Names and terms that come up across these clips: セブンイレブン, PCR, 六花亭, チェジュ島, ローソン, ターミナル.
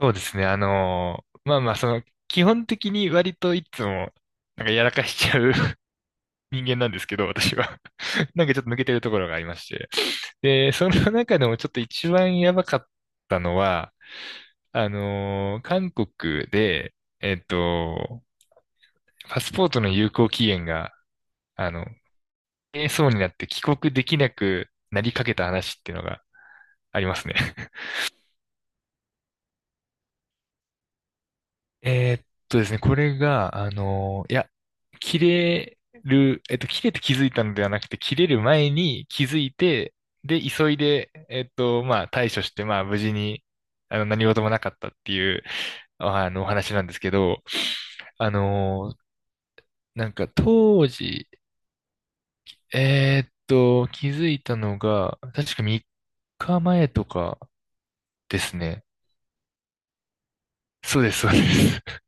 そうですね。基本的に割といつも、やらかしちゃう 人間なんですけど、私は なんかちょっと抜けてるところがありまして。で、その中でもちょっと一番やばかったのは、韓国で、えっと、パスポートの有効期限が、あの、切れそうになって帰国できなくなりかけた話っていうのがありますね。これが、切れる、えっと、切れて気づいたのではなくて、切れる前に気づいて、で、急いで、対処して、まあ、無事に、何事もなかったっていう、あの、お話なんですけど、あの当時、気づいたのが、確か3日前とかですね。そうです。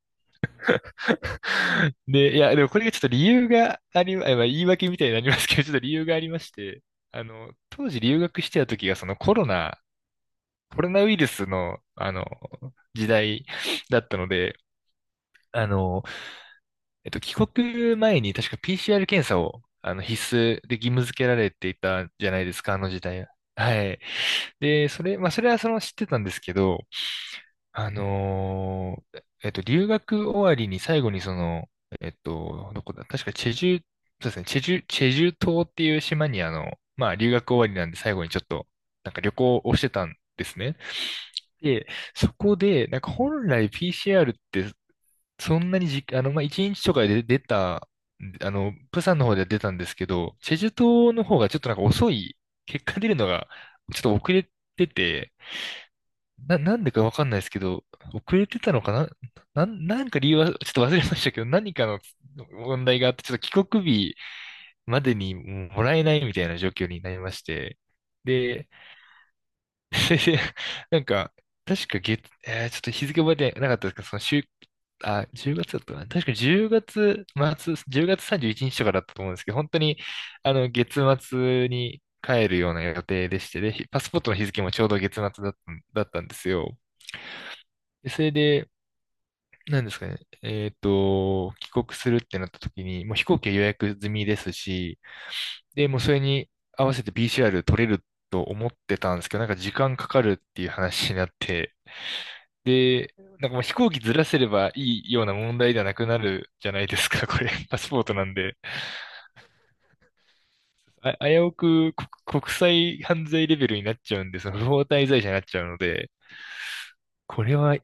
で、でもこれがちょっと理由があり、あまあ、言い訳みたいになりますけど、ちょっと理由がありまして、あの、当時留学してた時がそのコロナウイルスの、あの、時代だったので、あの、帰国前に確か PCR 検査を、あの、必須で義務付けられていたじゃないですか、あの時代は。はい。で、それ、それはその知ってたんですけど、留学終わりに最後にその、えっと、どこだ、確かチェジュ、そうですね、チェジュ、チェジュ島っていう島にまあ留学終わりなんで最後にちょっと、なんか旅行をしてたんですね。で、そこで、なんか本来 PCR ってそんなにじ、あの、まあ1日とかで出た、あの、プサンの方では出たんですけど、チェジュ島の方がちょっとなんか遅い、結果出るのがちょっと遅れてて、なんでかわかんないですけど、遅れてたのかな、なんか理由はちょっと忘れましたけど、何かの問題があって、ちょっと帰国日までにもらえないみたいな状況になりまして、で、それで、なんか、確か月、えーちょっと日付覚えてなかったですかその週、あ、10月だったかな。確か10月末、10月31日とかだったと思うんですけど、本当に、あの、月末に帰るような予定でして、で、パスポートの日付もちょうど月末だったんですよ。でそれで、なんですかね。帰国するってなった時に、もう飛行機は予約済みですし、で、もうそれに合わせて PCR 取れると思ってたんですけど、なんか時間かかるっていう話になって、で、なんかもう飛行機ずらせればいいような問題ではなくなるじゃないですか、これ。パスポートなんで。あ、危うく国際犯罪レベルになっちゃうんで、その不法滞在者になっちゃうので、これは、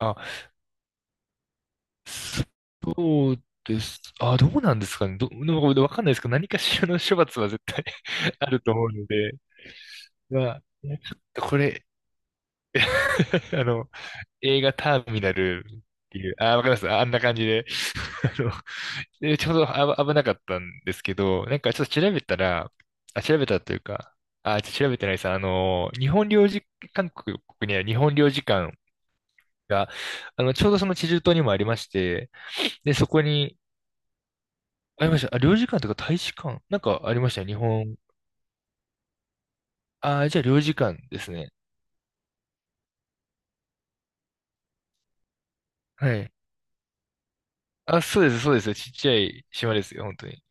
あそうです。あ、どうなんですかね。でもわかんないですけど、何かしらの処罰は絶対 あると思うので、まあ、これ、あの、映画ターミナルっていう、あ、わかります。ああんな感じで、あの、でちょうど危なかったんですけど、なんかちょっと調べたら、あ、調べたというか、あ、ちょっと調べてないです。あの、日本領事、韓国にある日本領事館が、あの、ちょうどその地州島にもありまして、で、そこに、ありました。あ、領事館とか大使館なんかありましたよ、日本。あ、じゃあ領事館ですね。はい。あ、そうです。ちっちゃい島ですよ、本当に。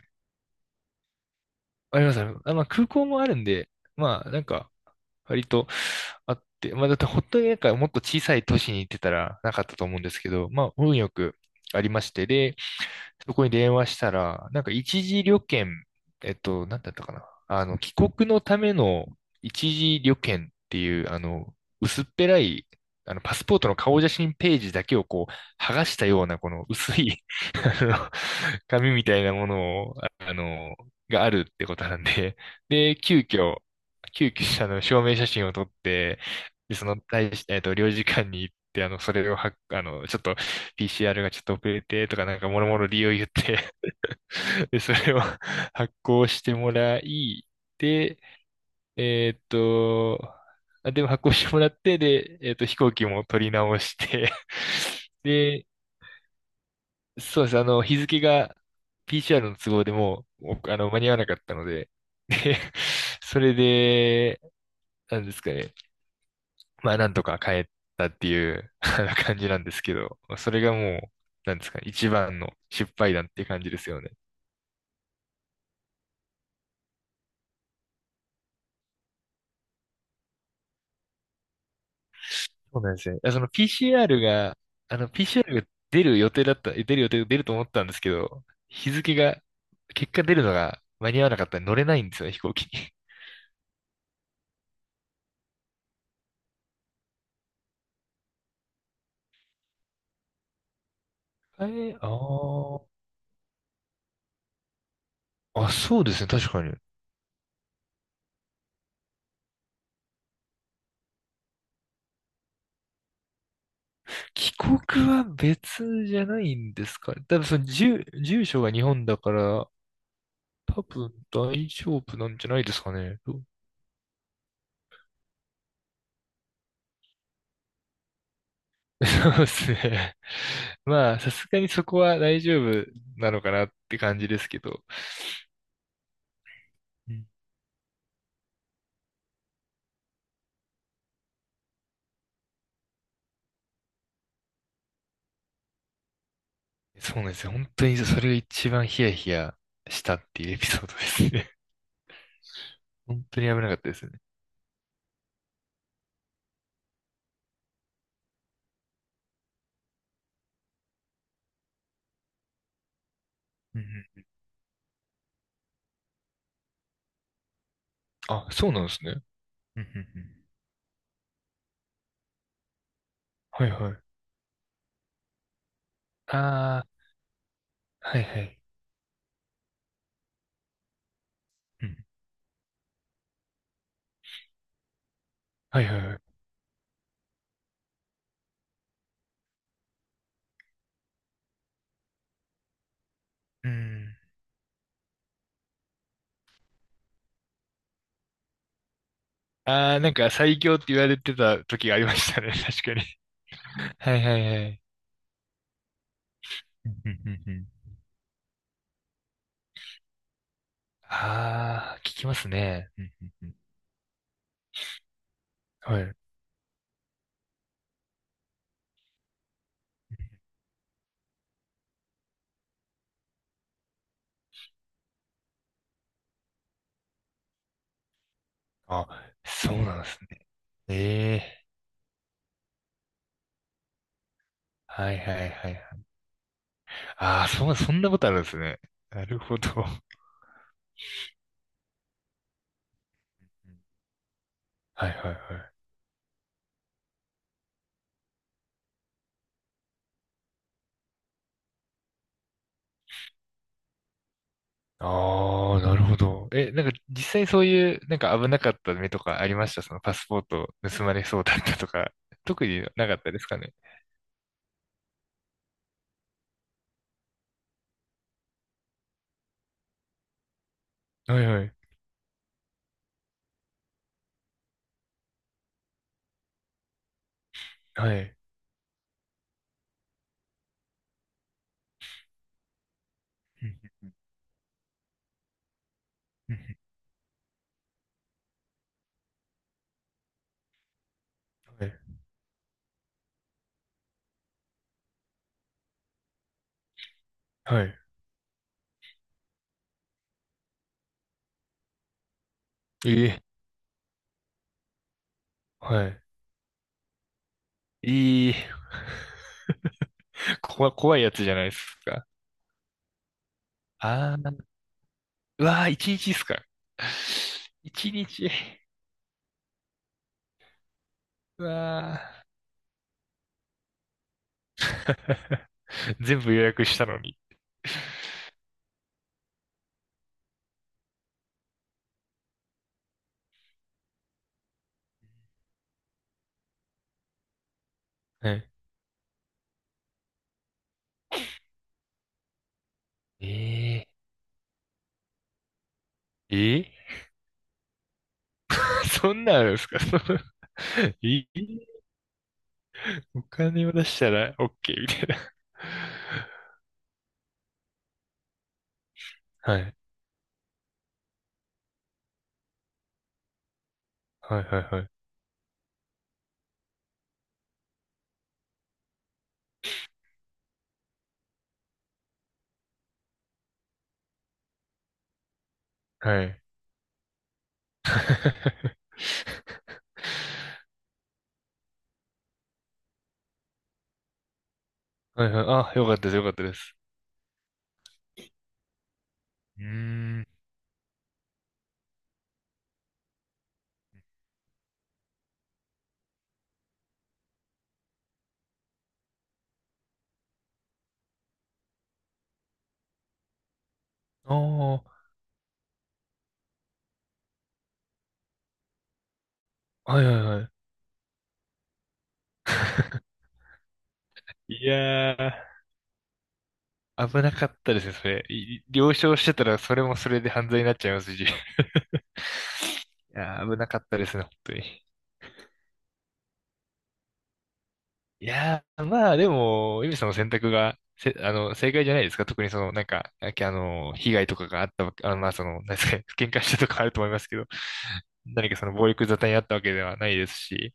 あります。あ、まあ空港もあるんで、まあなんか、割とあって、まあだって本当になんかもっと小さい都市に行ってたらなかったと思うんですけど、まあ運よくありまして、で、そこに電話したら、なんか一時旅券、えっと、なんだったかな。あの、帰国のための一時旅券っていう、あの、薄っぺらい、あの、パスポートの顔写真ページだけをこう、剥がしたような、この薄いあの紙みたいなものを、ああの、があるってことなんで、で、急遽、あの、証明写真を撮って、で、その、大し、えっと、領事館に行って、あの、それをは、あの、ちょっと、PCR がちょっと遅れて、とか、なんか、もろもろ理由を言って、で、それを 発行してもらい、で、えーっと、でも発行してもらって、で、飛行機も取り直して、で、そうです。あの、日付が PCR の都合でもう、おあの、間に合わなかったので、で、それで、なんですかね。まあ、なんとか帰ったっていうあの感じなんですけど、それがもう、なんですかね、一番の失敗談っていう感じですよね。そうなんですね。その PCR が、PCR が出る予定だった、え出る予定、出ると思ったんですけど、日付が、結果出るのが間に合わなかったんで乗れないんですよね、飛行機に。えー、あーあ、そうですね、確かに。帰国は別じゃないんですか多分その住所が日本だから、多分大丈夫なんじゃないですかね。どう そうですね。まあ、さすがにそこは大丈夫なのかなって感じですけど。うんそうなんですよ。本当にそれが一番ヒヤヒヤしたっていうエピソードですね。本当に危なかったですね。うんうん。あ、そうなんですね。うんうんうん。はいはい。ああ、はいはい。うん。はいはいはい。うん。ああ、なんか最強って言われてた時がありましたね。確かに。はいはいはい。うんうんうんうんああ、聞きますね。うんうんうんはい。あ、そうなんですね。ええはいはいはい。ああ、そう、そんなことあるんですね。なるほど。うんはいはいはい。ああ、なるほど。え、なんか実際そういう、なんか危なかった目とかありましたそのパスポート盗まれそうだったとか、特になかったですかね。はいはい。はい。うんうんうんうんはい。はいええ、はい。ええ、怖いやつじゃないですか。あー、うわー、一日ですか。一日。うわー。全部予約したのに。はい。えええ そんなんあるんですかその ええ、お金を出したら OK みたいな。はい。はいはいはい。はい。はいはい。あ、よかったです。うーん。ああ、はいはいはいいや、危なかったですね、それ。了承してたら、それもそれで犯罪になっちゃいますし。いやー、危なかったですね、本当に。まあ、でも、ゆみさんの選択が、せ、あの、正解じゃないですか。特にその、被害とかがあったわけ、なんですかね、喧嘩したとかあると思いますけど、何かその暴力沙汰にあったわけではないですし。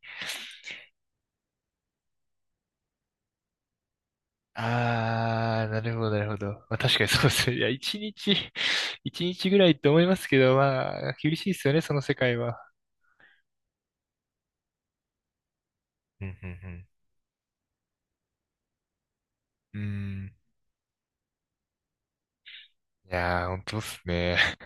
ああ、なるほど。まあ確かにそうですね。いや、一日、一日ぐらいって思いますけど、まあ、厳しいですよね、その世界は。うんうんうん。うーん。いやー、本当っすね。